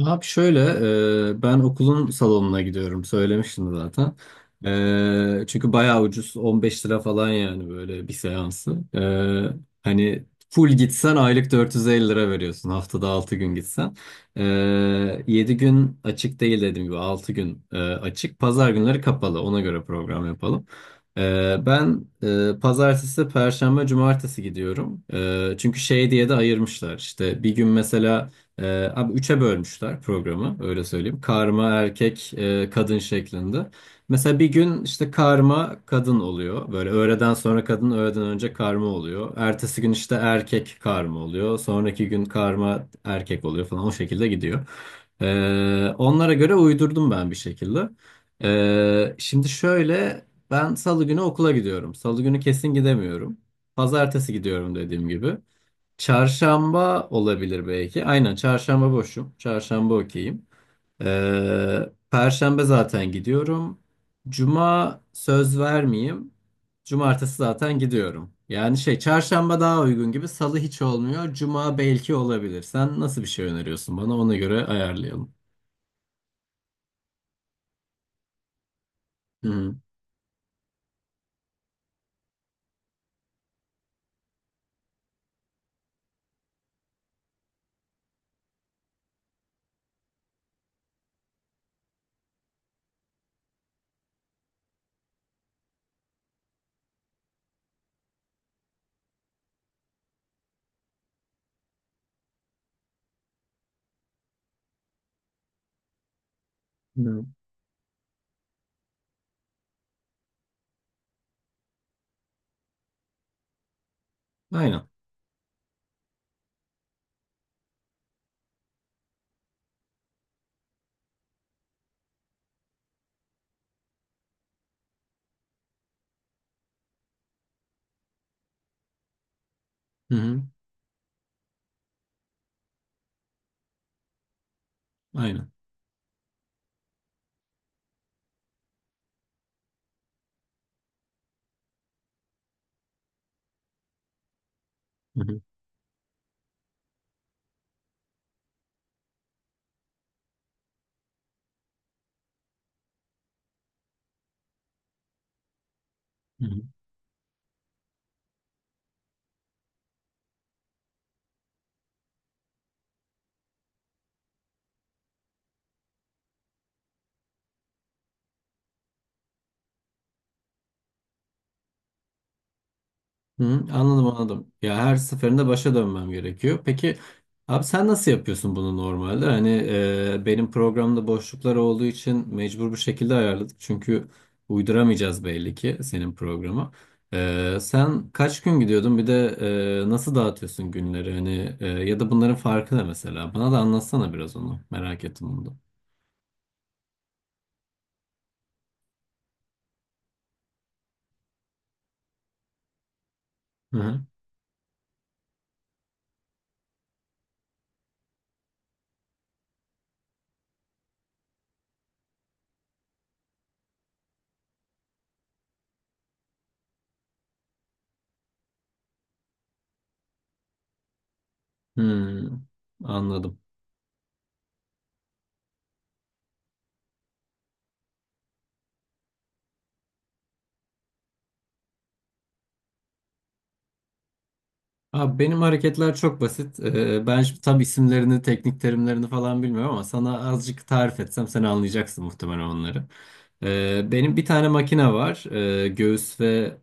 Abi şöyle, ben okulun salonuna gidiyorum. Söylemiştim zaten. Çünkü bayağı ucuz. 15 lira falan yani böyle bir seansı. Hani full gitsen aylık 450 lira veriyorsun. Haftada 6 gün gitsen. E, 7 gün açık değil dediğim gibi. Altı gün açık. Pazar günleri kapalı. Ona göre program yapalım. Ben pazartesi, perşembe, cumartesi gidiyorum. Çünkü şey diye de ayırmışlar. İşte bir gün mesela... Abi üçe bölmüşler programı, öyle söyleyeyim. Karma erkek kadın şeklinde. Mesela bir gün işte karma kadın oluyor. Böyle öğleden sonra kadın, öğleden önce karma oluyor. Ertesi gün işte erkek karma oluyor. Sonraki gün karma erkek oluyor falan, o şekilde gidiyor. Onlara göre uydurdum ben bir şekilde. Şimdi şöyle, ben salı günü okula gidiyorum. Salı günü kesin gidemiyorum. Pazartesi gidiyorum dediğim gibi. Çarşamba olabilir belki. Aynen, çarşamba boşum. Çarşamba okeyim. Perşembe zaten gidiyorum. Cuma söz vermeyeyim. Cumartesi zaten gidiyorum. Yani şey, çarşamba daha uygun gibi. Salı hiç olmuyor. Cuma belki olabilir. Sen nasıl bir şey öneriyorsun bana? Ona göre ayarlayalım. Hı hı. Hı. Aynen. Hı hı. Aynen. Hı hı. Hı hı. Hı, anladım anladım. Ya, her seferinde başa dönmem gerekiyor. Peki abi, sen nasıl yapıyorsun bunu normalde? Hani benim programda boşluklar olduğu için mecbur bu şekilde ayarladık. Çünkü uyduramayacağız belli ki senin programı. Sen kaç gün gidiyordun? Bir de nasıl dağıtıyorsun günleri? Hani ya da bunların farkı ne mesela? Bana da anlatsana biraz onu. Merak ettim bunu da. Hı hı. Hmm, anladım. Abi benim hareketler çok basit. Ben şimdi tam isimlerini, teknik terimlerini falan bilmiyorum ama sana azıcık tarif etsem sen anlayacaksın muhtemelen onları. Benim bir tane makine var. Göğüs ve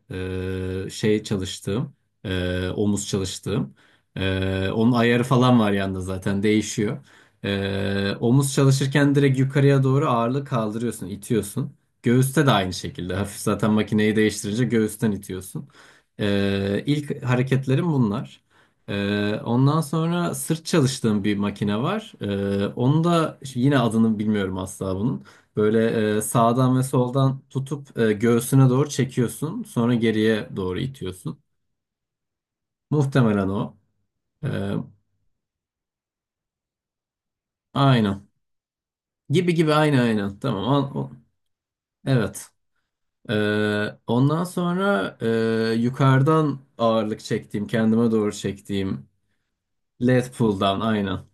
şey çalıştığım, omuz çalıştığım. Onun ayarı falan var yanında, zaten değişiyor. Omuz çalışırken direkt yukarıya doğru ağırlığı kaldırıyorsun, itiyorsun. Göğüste de aynı şekilde. Hafif, zaten makineyi değiştirince göğüsten itiyorsun. İlk hareketlerim bunlar. Ondan sonra sırt çalıştığım bir makine var. Onu da yine adını bilmiyorum asla bunun. Böyle sağdan ve soldan tutup göğsüne doğru çekiyorsun. Sonra geriye doğru itiyorsun. Muhtemelen o. Ee, aynen. Gibi gibi aynı, aynen. Tamam. Evet. Ondan sonra yukarıdan ağırlık çektiğim, kendime doğru çektiğim lat pull down, aynen.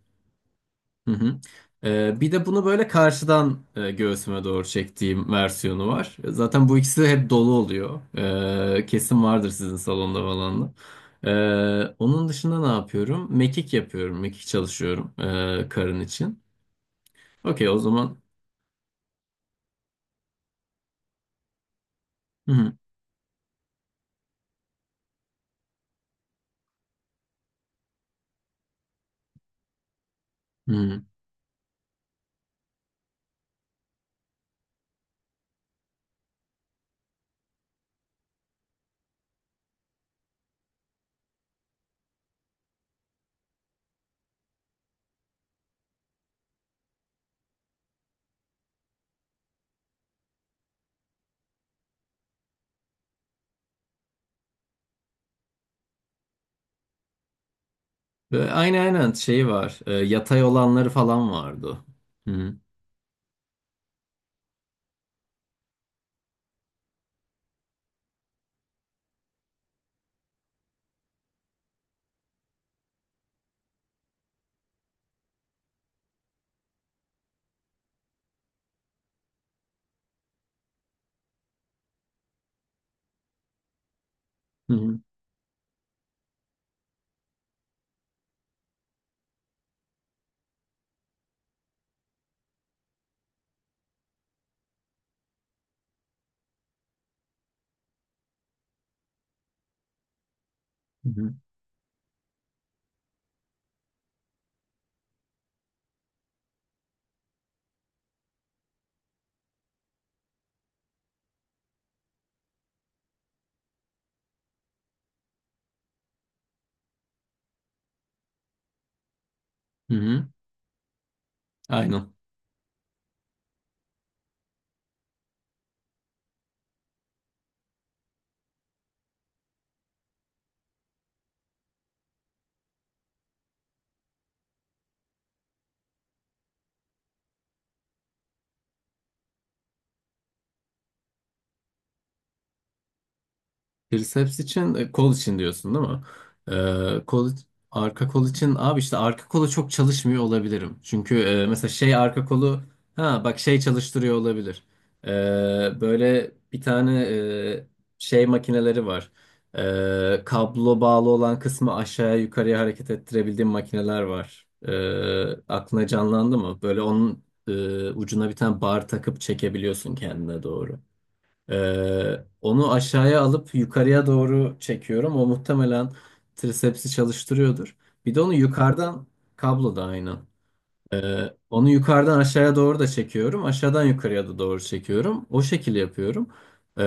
Hı hı. Bir de bunu böyle karşıdan göğsüme doğru çektiğim versiyonu var. Zaten bu ikisi hep dolu oluyor. Kesin vardır sizin salonda falan da. Onun dışında ne yapıyorum? Mekik yapıyorum. Mekik çalışıyorum karın için. Okey, o zaman. Hı hı. Hı hı. Ve aynen aynen şey var. Yatay olanları falan vardı. Hı hı. Hı hı. Hı hı. Hı hı. Aynen. Triceps için kol için diyorsun değil mi? Kol arka kol için abi, işte arka kolu çok çalışmıyor olabilirim. Çünkü mesela şey arka kolu, ha bak şey çalıştırıyor olabilir. Ee, Böyle bir tane şey makineleri var. Kablo bağlı olan kısmı aşağıya yukarıya hareket ettirebildiğim makineler var. Aklına canlandı mı? Böyle onun ucuna bir tane bar takıp çekebiliyorsun kendine doğru. Onu aşağıya alıp yukarıya doğru çekiyorum. O muhtemelen trisepsi çalıştırıyordur. Bir de onu yukarıdan, kablo da aynı. Ee, Onu yukarıdan aşağıya doğru da çekiyorum. Aşağıdan yukarıya da doğru çekiyorum. O şekilde yapıyorum. Ee,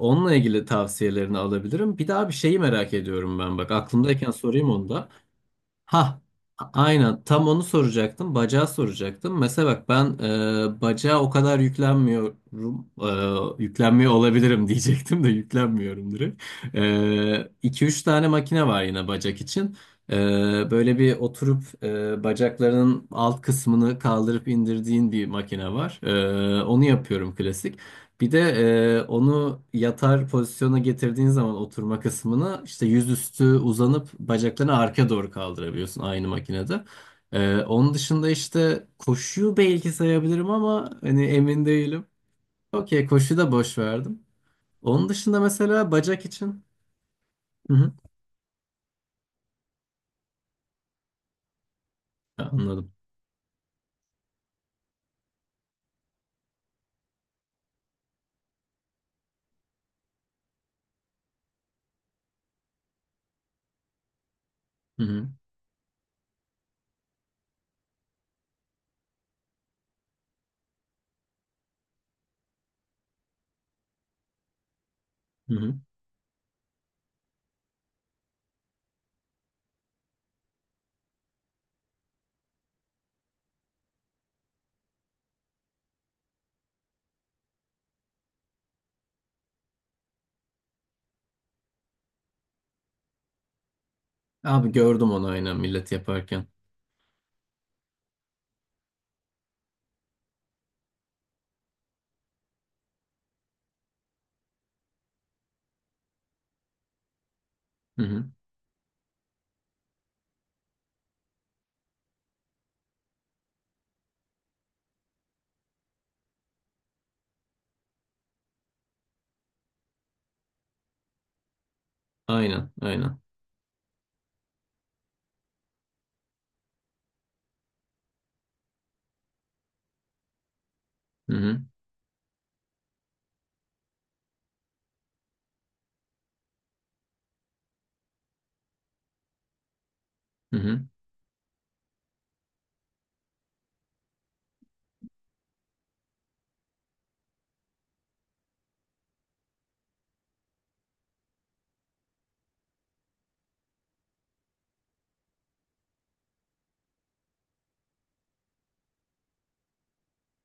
Onunla ilgili tavsiyelerini alabilirim. Bir daha bir şeyi merak ediyorum ben. Bak, aklımdayken sorayım onu da. Ha, aynen tam onu soracaktım. Bacağı soracaktım. Mesela bak, ben bacağa o kadar yüklenmiyorum. Yüklenmiyor olabilirim diyecektim de yüklenmiyorum direkt. 2-3 tane makine var yine bacak için. E, Böyle bir oturup bacaklarının alt kısmını kaldırıp indirdiğin bir makine var. Onu yapıyorum klasik. Bir de onu yatar pozisyona getirdiğin zaman oturma kısmını, işte yüzüstü uzanıp bacaklarını arka doğru kaldırabiliyorsun aynı makinede. Onun dışında işte koşuyu belki sayabilirim ama hani emin değilim. Okey, koşuyu da boş verdim. Onun dışında mesela bacak için. Hı hı. Anladım. Hı hı. Hı hı. Abi, gördüm onu aynen millet yaparken. Hı hı. Aynen aynen. Hı hı. Hı hı.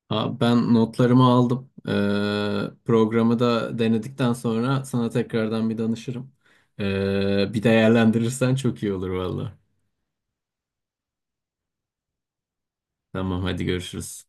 Ha, ben notlarımı aldım. Programı da denedikten sonra sana tekrardan bir danışırım. Bir değerlendirirsen çok iyi olur valla. Tamam, hadi görüşürüz.